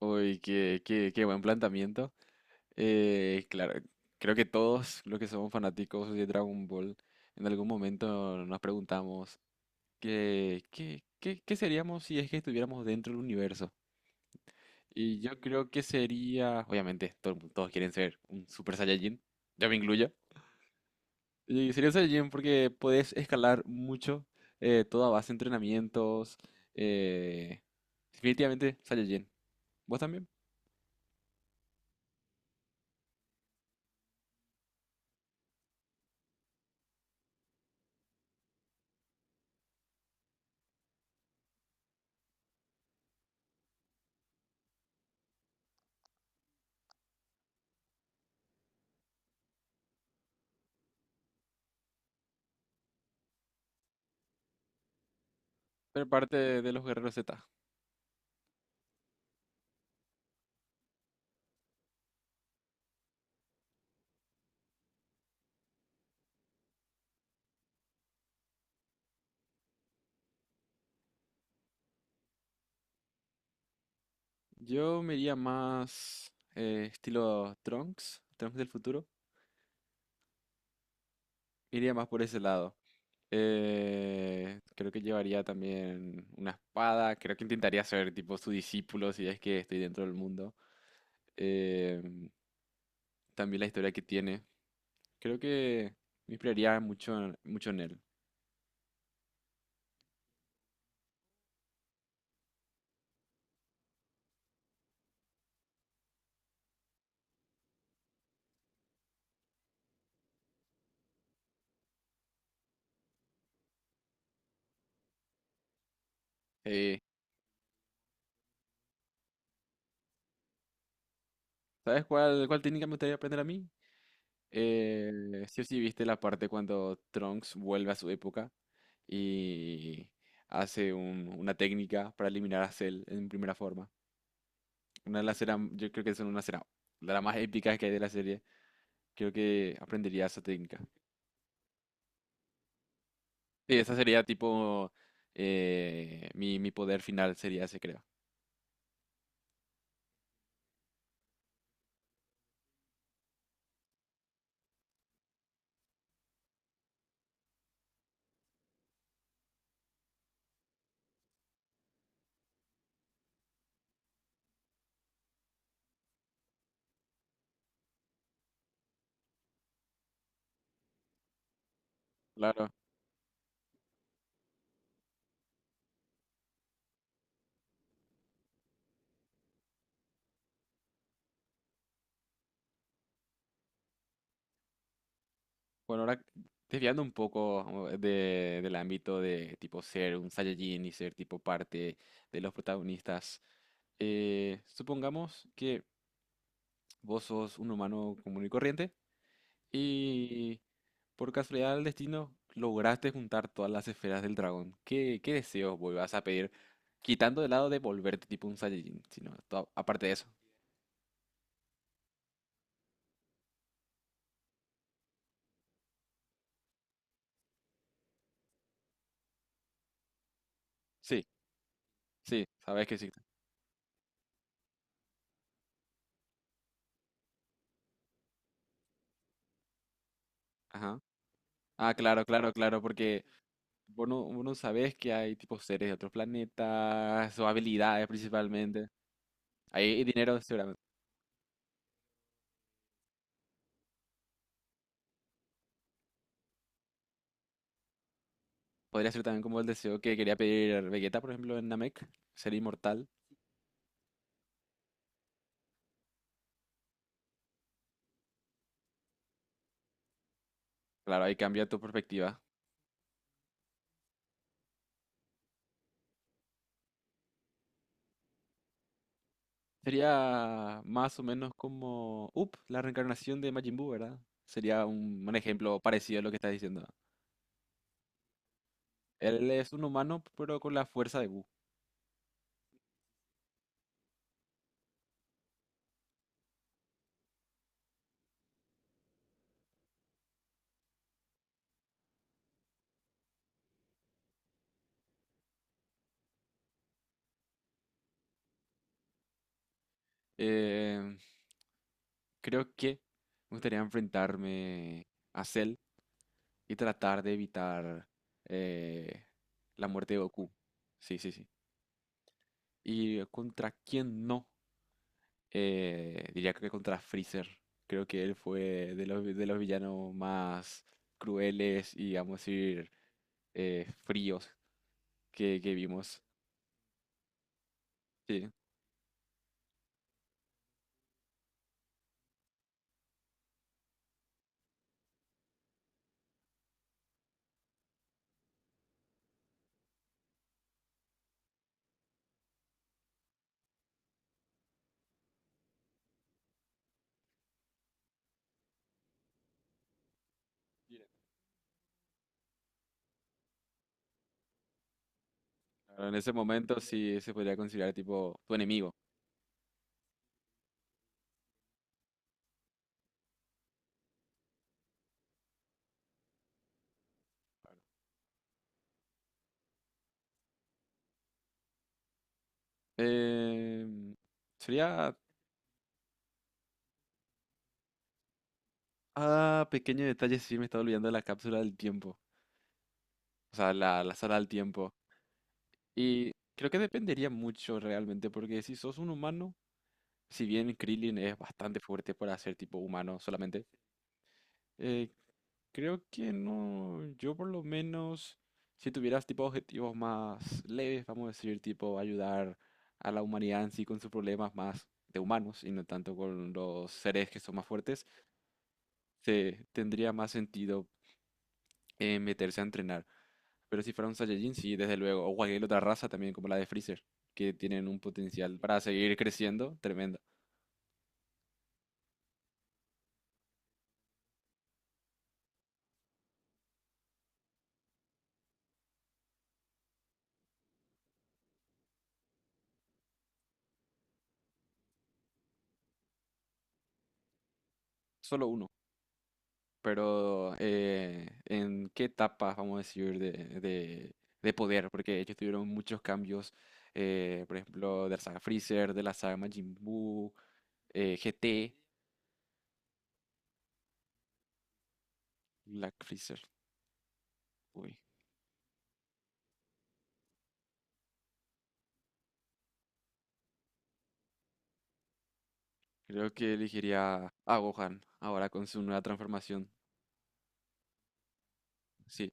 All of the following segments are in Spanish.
Uy, qué buen planteamiento. Claro, creo que todos los que somos fanáticos de Dragon Ball, en algún momento nos preguntamos qué seríamos si es que estuviéramos dentro del universo. Y yo creo que sería, obviamente, todos quieren ser un Super Saiyajin, yo me incluyo. Y sería un Saiyajin porque puedes escalar mucho, toda base de entrenamientos. eh, Definitivamente Saiyajin. ¿Vos también? Pero parte de los guerreros Z. Yo me iría más estilo Trunks, Trunks del futuro. Me iría más por ese lado. Creo que llevaría también una espada. Creo que intentaría ser tipo su discípulo si es que estoy dentro del mundo. Eh, También la historia que tiene. Creo que me inspiraría mucho en él. Eh, ¿Sabes cuál técnica me gustaría aprender a mí? ¿Sí o sí viste la parte cuando Trunks vuelve a su época y hace una técnica para eliminar a Cell en primera forma? Una de las escenas, yo creo que es una escena de las más épicas que hay de la serie. Creo que aprendería esa técnica. Sí, esa sería tipo mi poder final sería ese, creo. Claro. Bueno, ahora desviando un poco del ámbito de tipo ser un Saiyajin y ser tipo parte de los protagonistas, supongamos que vos sos un humano común y corriente y por casualidad del destino lograste juntar todas las esferas del dragón. ¿Qué deseos vos vas a pedir? Quitando de lado de volverte tipo un Saiyajin, sino aparte de eso. Sí, sí, sabes que sí. Ajá. Ah, claro, claro, claro, porque vos no sabés que hay tipos seres de otros planetas o habilidades principalmente. Hay dinero, seguramente. Podría ser también como el deseo que quería pedir Vegeta, por ejemplo, en Namek, ser inmortal. Claro, ahí cambia tu perspectiva. Sería más o menos como, up, la reencarnación de Majin Buu, ¿verdad? Sería un ejemplo parecido a lo que estás diciendo. Él es un humano, pero con la fuerza de Buu. Eh, Creo que me gustaría enfrentarme a Cell y tratar de evitar eh, la muerte de Goku. Sí, sí, sí. ¿Y contra quién no? Diría que contra Freezer. Creo que él fue de los villanos más crueles y, vamos a decir, fríos que vimos. Sí. Claro, en ese momento sí se podría considerar tipo tu enemigo. Em, Sería... Ah, pequeño detalle, sí me estaba olvidando de la cápsula del tiempo. O sea, la sala del tiempo. Y creo que dependería mucho realmente, porque si sos un humano, si bien Krillin es bastante fuerte para ser tipo humano solamente, eh, creo que no, yo por lo menos, si tuvieras tipo objetivos más leves, vamos a decir, tipo ayudar a la humanidad en sí con sus problemas más de humanos y no tanto con los seres que son más fuertes, se tendría más sentido meterse a entrenar. Pero si fuera un Saiyajin, sí, desde luego. O cualquier otra raza también, como la de Freezer, que tienen un potencial para seguir creciendo tremendo. Solo uno. Pero, ¿en qué etapa, vamos a decir, de, de poder? Porque ellos tuvieron muchos cambios, por ejemplo, de la saga Freezer, de la saga Majin Buu, GT, Black Freezer. Uy, creo que elegiría a Gohan ahora con su nueva transformación. Sí,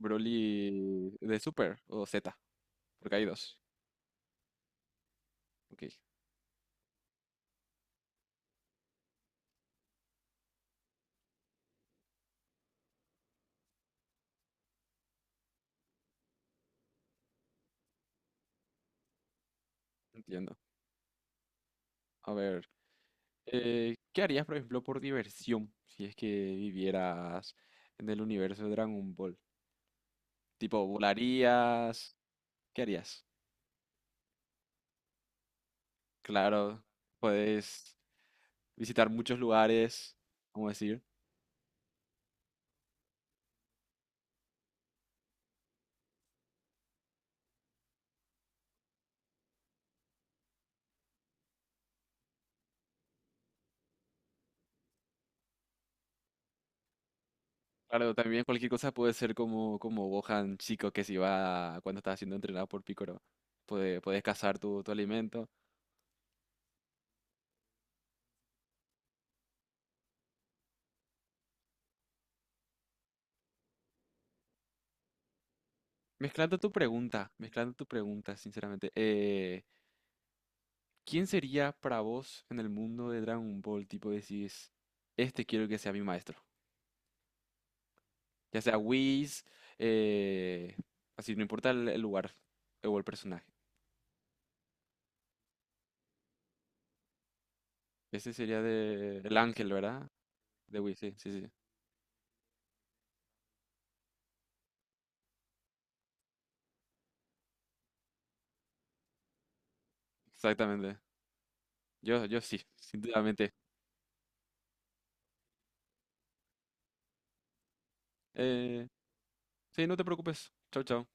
Broly de Super o Z, porque hay dos. Ok. Entiendo. A ver, ¿qué harías, por ejemplo, por diversión si es que vivieras en el universo de Dragon Ball? Tipo, volarías, ¿qué harías? Claro, puedes visitar muchos lugares, vamos a decir. Claro, también cualquier cosa puede ser como, como Gohan chico que se iba cuando estaba siendo entrenado por Piccolo. Puede, puedes cazar tu alimento. Mezclando tu pregunta, sinceramente. ¿Quién sería para vos en el mundo de Dragon Ball? Tipo, decís, este quiero que sea mi maestro. Ya sea Whis, eh, así, no importa el lugar o el personaje. Ese sería de el ángel, ¿verdad? De Whis, sí, sí, sí. Exactamente. Yo sí, sinceramente. Eh, sí, no te preocupes. Chao, chao.